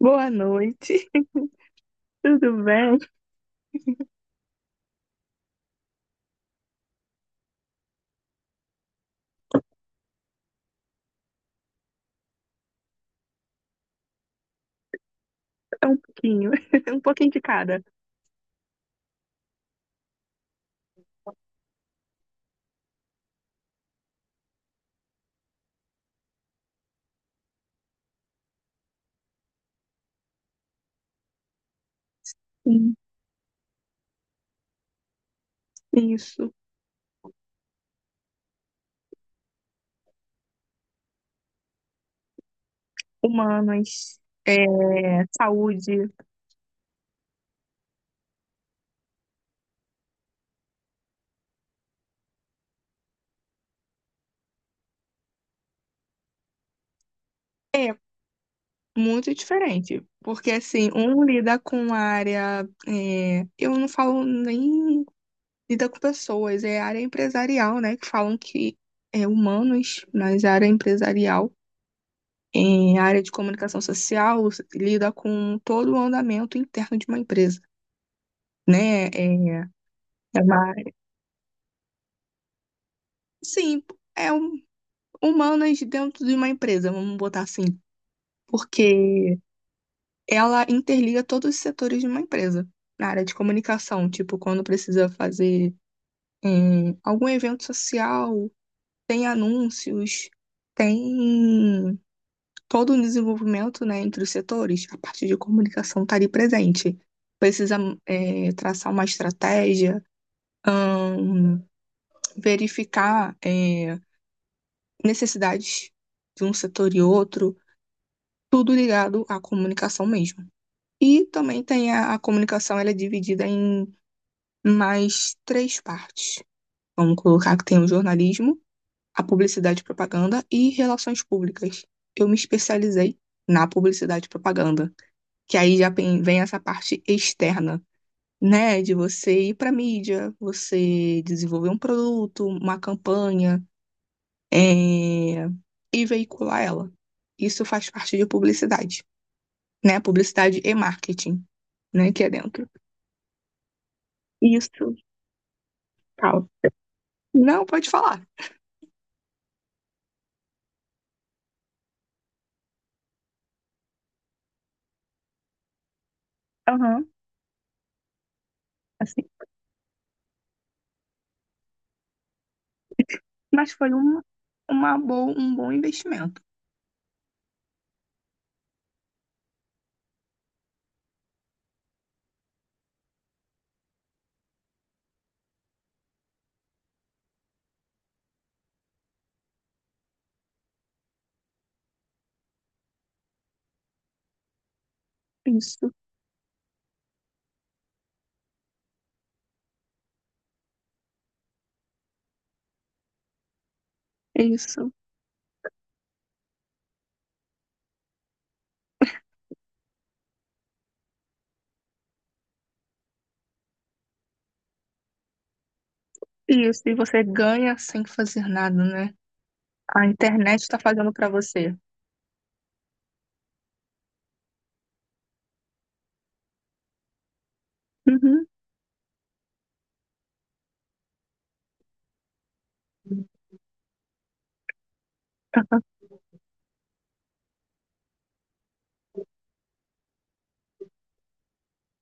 Boa noite, tudo bem? É um pouquinho, um pouquinho de cada. Sim. Isso, humanas, é, saúde. É muito diferente, porque assim, um lida com a área, eu não falo nem lida com pessoas, é área empresarial, né, que falam que é humanos, mas área empresarial, é, área de comunicação social, lida com todo o andamento interno de uma empresa, né. É uma sim, é um, humanas dentro de uma empresa, vamos botar assim, porque ela interliga todos os setores de uma empresa. Na área de comunicação, tipo, quando precisa fazer algum evento social, tem anúncios, tem todo um desenvolvimento, né, entre os setores. A parte de comunicação está ali presente. Precisa traçar uma estratégia, ahn, verificar necessidades de um setor e outro, tudo ligado à comunicação mesmo. E também tem a comunicação, ela é dividida em mais três partes. Vamos colocar que tem o jornalismo, a publicidade e propaganda e relações públicas. Eu me especializei na publicidade e propaganda, que aí já vem essa parte externa, né, de você ir para a mídia, você desenvolver um produto, uma campanha, é, e veicular ela. Isso faz parte de publicidade, né? Publicidade e marketing, né? Que é dentro. Isso, tal. Não, pode falar. Aham, assim. Mas foi uma boa, um bom investimento. Isso, isso, isso. E você ganha sem fazer nada, né? A internet está fazendo para você. Uhum.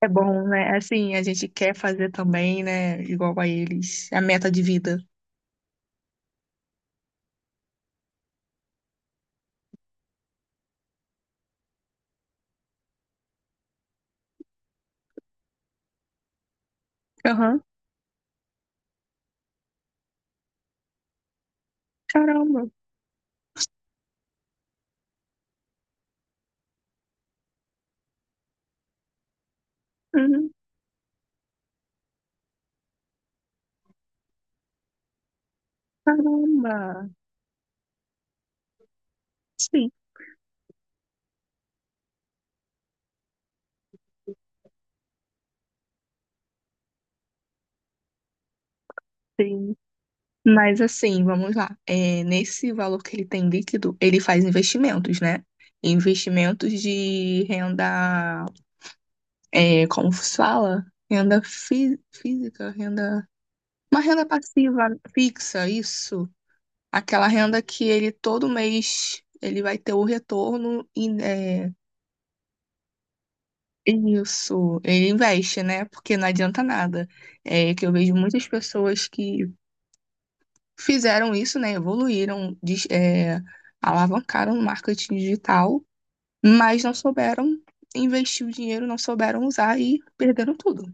É bom, né? Assim, a gente quer fazer também, né? Igual a eles. A meta de vida. Aham. Caramba. Uhum. Caramba. Sim, sim. Mas assim, vamos lá. É, nesse valor que ele tem líquido, ele faz investimentos, né? Investimentos de renda, é, como se fala? Renda fi- física, renda. Uma renda passiva fixa, isso. Aquela renda que ele todo mês ele vai ter o retorno e é, isso, ele investe, né? Porque não adianta nada. É que eu vejo muitas pessoas que fizeram isso, né? Evoluíram, dis- é, alavancaram o marketing digital, mas não souberam investir o dinheiro, não souberam usar e perderam tudo.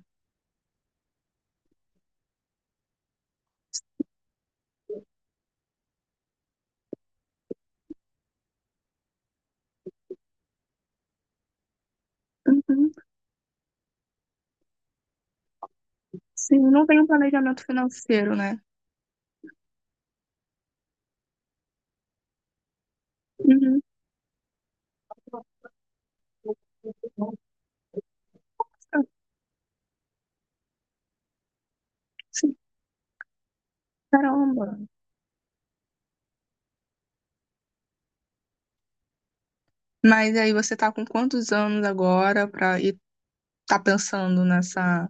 Uhum. Sim, não tem um planejamento financeiro, né? Uhum. Nossa, sim, caramba. Mas aí você tá com quantos anos agora pra ir, tá pensando nessa.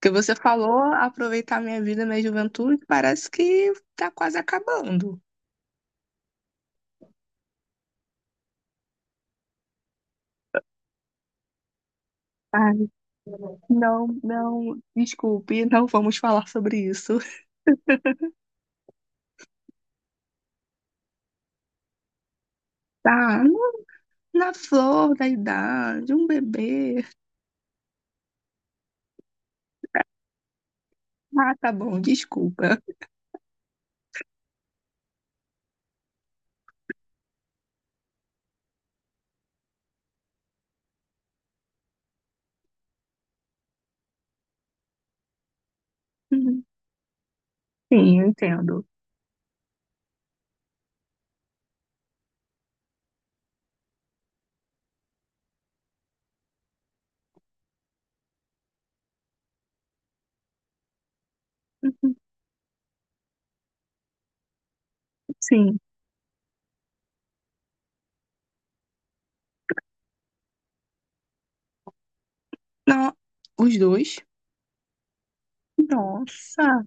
Porque você falou aproveitar minha vida, minha juventude, parece que tá quase acabando. Ai, não, não, desculpe, não vamos falar sobre isso. Tá, no- na flor da idade, um bebê. Ah, tá bom, desculpa. Uhum. Sim, eu entendo. Uhum, sim. Não, os dois. Nossa.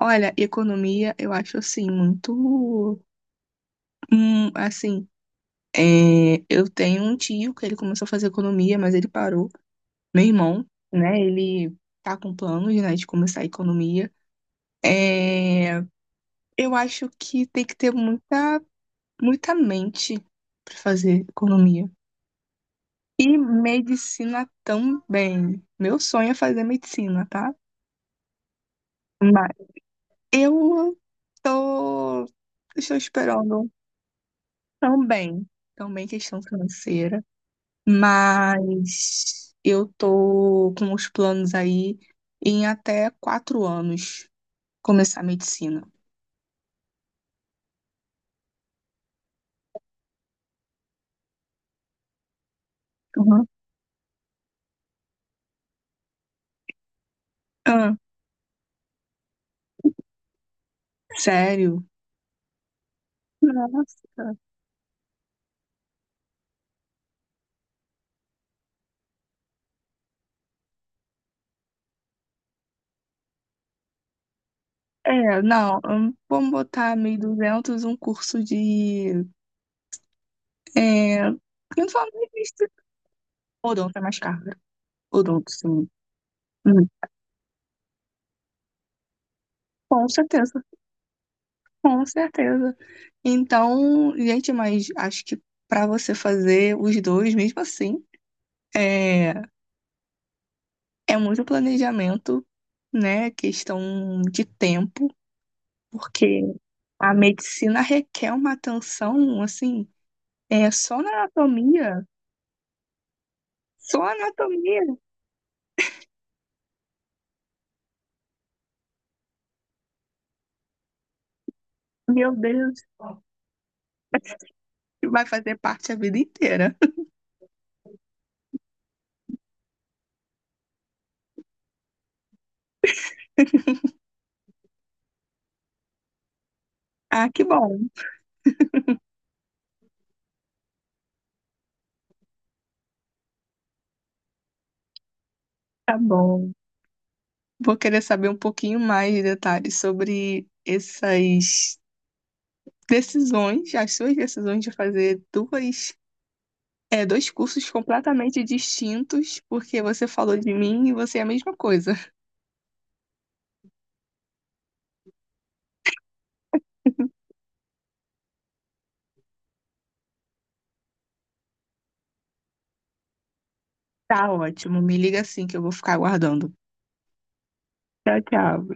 Olha, economia eu acho assim muito, assim, é, eu tenho um tio que ele começou a fazer economia, mas ele parou. Meu irmão, né? Ele tá com planos, né, de começar a economia. É, eu acho que tem que ter muita, muita mente para fazer economia. E medicina também. Meu sonho é fazer medicina, tá? Mas eu tô, estou esperando também, também questão financeira, mas eu tô com os planos aí em até 4 anos começar a medicina. Uhum. Ah, sério? Nossa. É, não, vamos botar 1.200, um curso de. É, principalmente odonto é mais caro, né? Odonto, sim. Hum, com certeza, com certeza. Então, gente, mas acho que para você fazer os dois, mesmo assim, é, é muito planejamento, né? Questão de tempo, porque a medicina requer uma atenção, assim, é só na anatomia. Só anatomia, meu Deus. Vai fazer parte a vida inteira. Ah, que bom, tá bom. Vou querer saber um pouquinho mais de detalhes sobre essas decisões, as suas decisões de fazer duas, é, dois cursos completamente distintos, porque você falou de mim e você é a mesma coisa. Tá ótimo, me liga assim que eu vou ficar aguardando. Tchau, tchau.